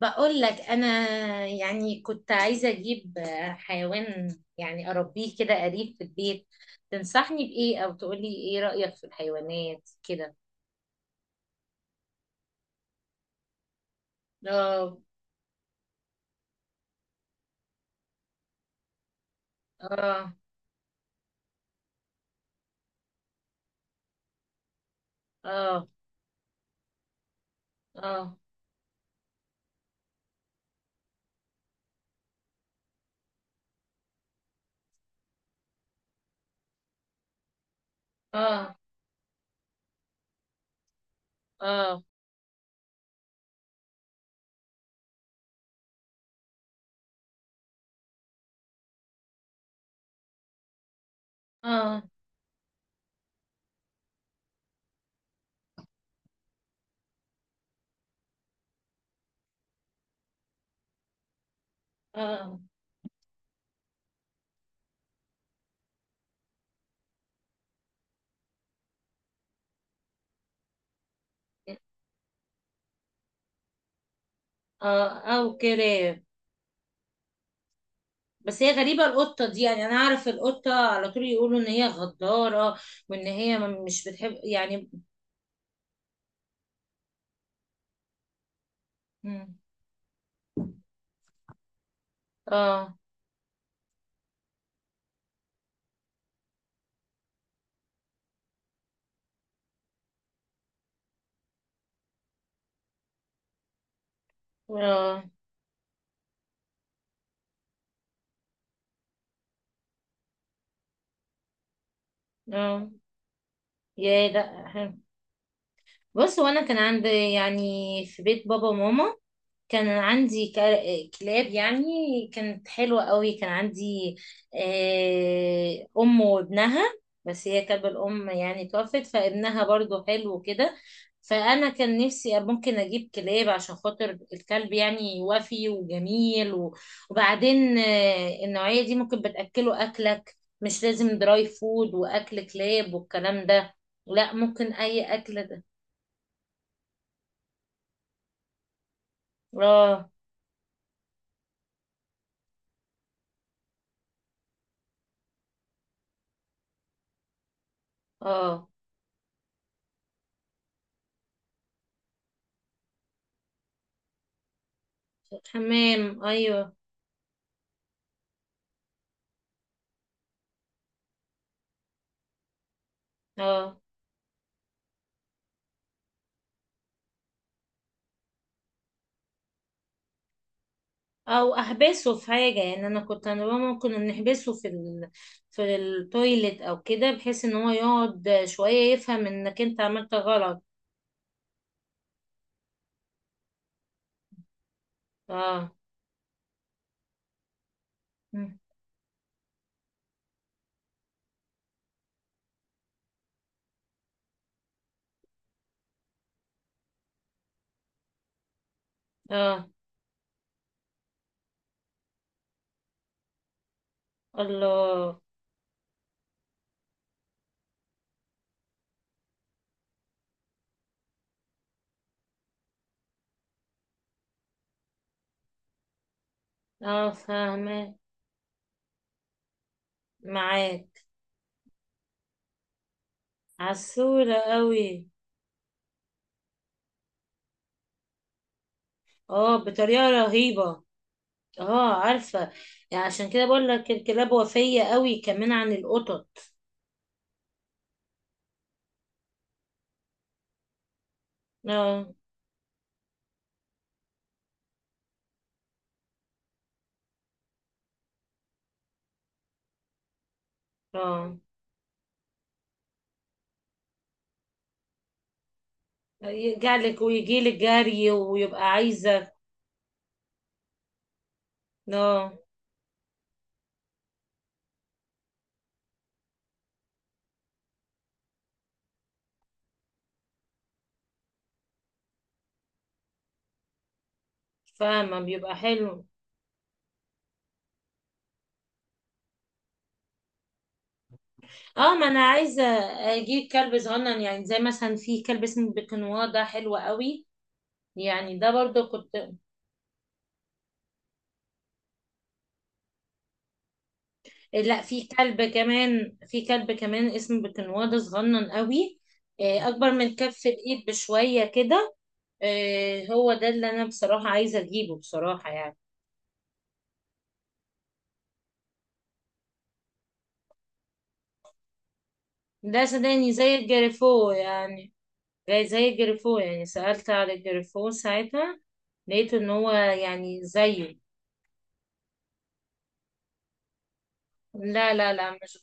بقول لك انا، يعني كنت عايزه اجيب حيوان، يعني اربيه كده قريب في البيت. تنصحني بايه؟ او تقولي ايه رايك في الحيوانات كده. اه. اه. اه. اه. اه. اه. اه. اه. اه. او كلاب. بس هي غريبه القطه دي، يعني انا اعرف القطه على طول يقولوا ان هي غداره، وان هي مش بتحب يعني. مم. اه. اه. اه. يا لا. بص، وانا كان عندي يعني في بيت بابا وماما، كان عندي كلاب يعني. كانت حلوة قوي. كان عندي آه، أم وابنها. بس هي كلب الأم يعني توفت، فابنها برضو حلو كده. فأنا كان نفسي ممكن أجيب كلاب عشان خاطر الكلب يعني وفي وجميل وبعدين آه، النوعية دي ممكن بتأكله أكلك، مش لازم دراي فود وأكل كلاب والكلام ده، لا، ممكن أي أكل. اه. اه. حمام، ايوه. اه. او احبسه في حاجه، يعني انا كنت انا بابا ممكن نحبسه في ال... في التويليت او كده، بحيث ان هو يقعد شويه يفهم انك انت عملت غلط. اه. مم. اه. الله. اه. فاهمه. معاك. عسوله قوي. اه، بطريقه رهيبه. اه عارفه. يعني عشان كده بقول لك الكلاب وفيه قوي كمان عن القطط. اه. اه. يرجعلك ويجيلك جري ويبقى عايزة. اه فاهمة، بيبقى حلو. اه، ما انا عايزة اجيب كلب صغنن، يعني زي مثلا في كلب اسمه بيكنوا ده حلو قوي. يعني ده برضو كنت. لا، في كلب كمان، في كلب كمان اسمه بيكنوا ده صغنن قوي، آه، اكبر من كف الايد بشوية كده. آه، هو ده اللي انا بصراحة عايزة اجيبه بصراحة يعني. ده سوداني زي الجريفو يعني، زي جريفو. يعني سألت على جريفو ساعتها، لقيت ان هو يعني زيه. لا لا لا مش.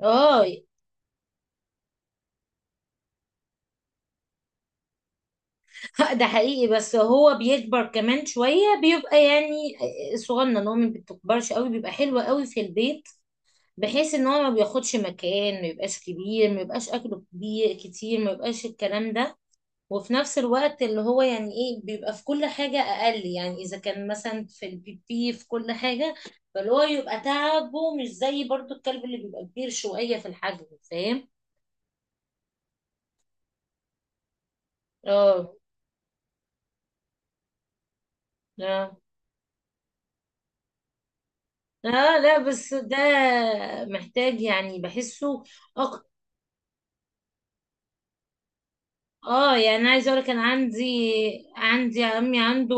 اه. ده حقيقي، بس هو بيكبر كمان شوية بيبقى يعني صغنن، هو ما بتكبرش قوي، بيبقى حلو قوي في البيت، بحيث ان هو ما بياخدش مكان، ما يبقاش كبير، ما يبقاش اكله كبير كتير، ما يبقاش الكلام ده. وفي نفس الوقت اللي هو يعني ايه، بيبقى في كل حاجة أقل، يعني إذا كان مثلا في البيبي في كل حاجة. فاللي هو يبقى تعبه مش زي برضو الكلب اللي بيبقى كبير شوية في الحجم. فاهم؟ اه. اه. اه لا، بس ده محتاج يعني بحسه أكتر. اه، يعني انا عايزه اقول كان عندي، عندي عمي عنده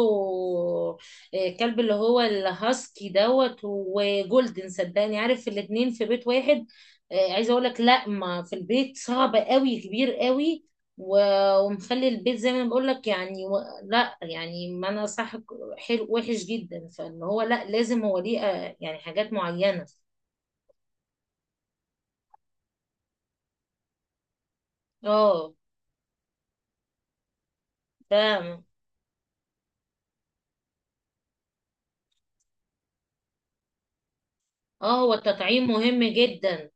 آه، كلب اللي هو الهاسكي دوت وجولدن، صدقني عارف الاتنين في بيت واحد. آه، عايزه اقول لك، لا، ما في البيت صعب قوي، كبير قوي، ومخلي البيت زي ما أنا بقول لك يعني و... لا يعني ما انا صح، حلو وحش جدا، فان هو لا لازم هو ليه آه، يعني حاجات معينه. اه فاهم. اه هو التطعيم مهم جدا.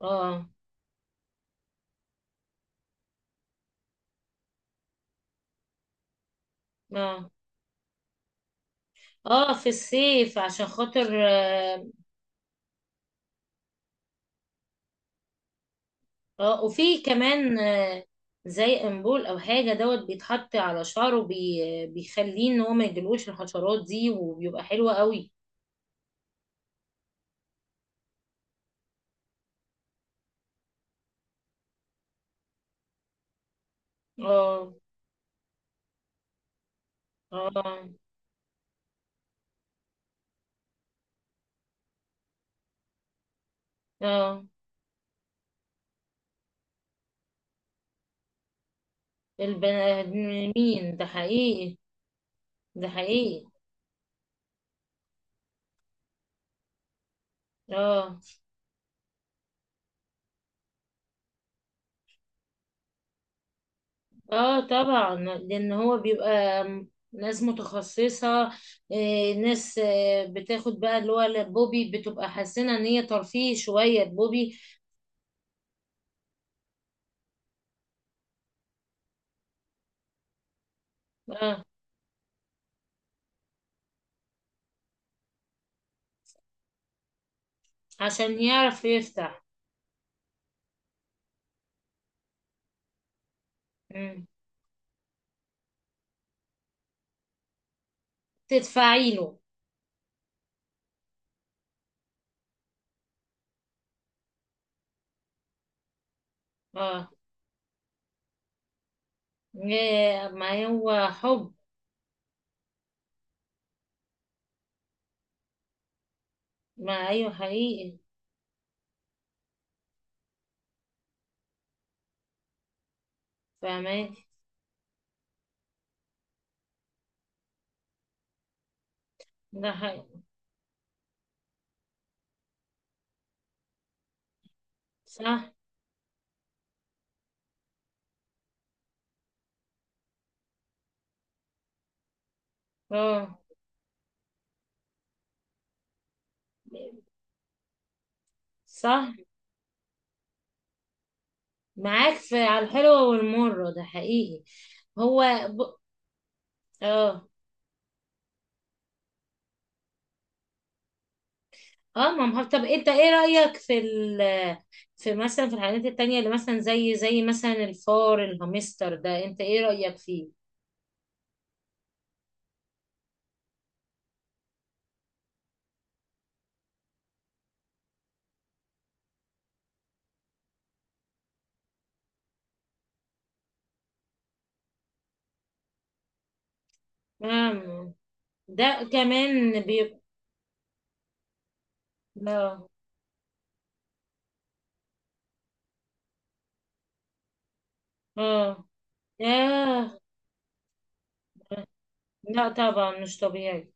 اه. اه. اه، في الصيف عشان خاطر اه. آه، وفي كمان آه، زي امبول او حاجه دوت بيتحط على شعره بيخليه ان هو ما يجيلوش الحشرات دي، وبيبقى حلو قوي. اه. اه. اه. البني ادمين، ده حقيقي. ده حقيقي. اه. اه طبعا، لان هو بيبقى ناس متخصصة، آه، ناس آه، بتاخد بقى اللي هو البوبي بتبقى حاسة ان هي ترفيه شوية البوبي. عشان يعرف يفتح. مم. تدفعي له. اه. إيه، ما هو حب. ما ايوه حقيقي. فاهمك. ده حقيقي. صح. اه. صح. معاك في على الحلوة والمرة، ده حقيقي. هو ب... اه. اه. ما هو، طب انت ايه رأيك في ال، في مثلا في الحاجات التانية، اللي مثلا زي مثلا الفار، الهامستر ده انت ايه رأيك فيه؟ آه، ده كمان بيبقى. اه. آه. آه لا طبعا مش طبيعي.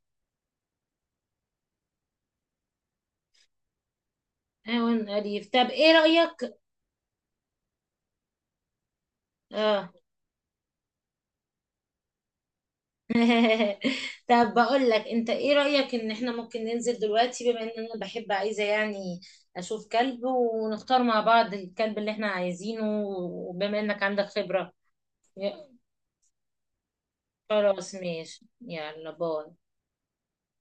حيوان أليف. طب إيه رأيك؟ آه. طب بقول لك، أنت إيه رأيك إن إحنا ممكن ننزل دلوقتي، بما إن أنا بحب عايزة يعني أشوف كلب، ونختار مع بعض الكلب اللي إحنا عايزينه، وبما إنك عندك خبرة. خلاص، ماشي، يلا باي.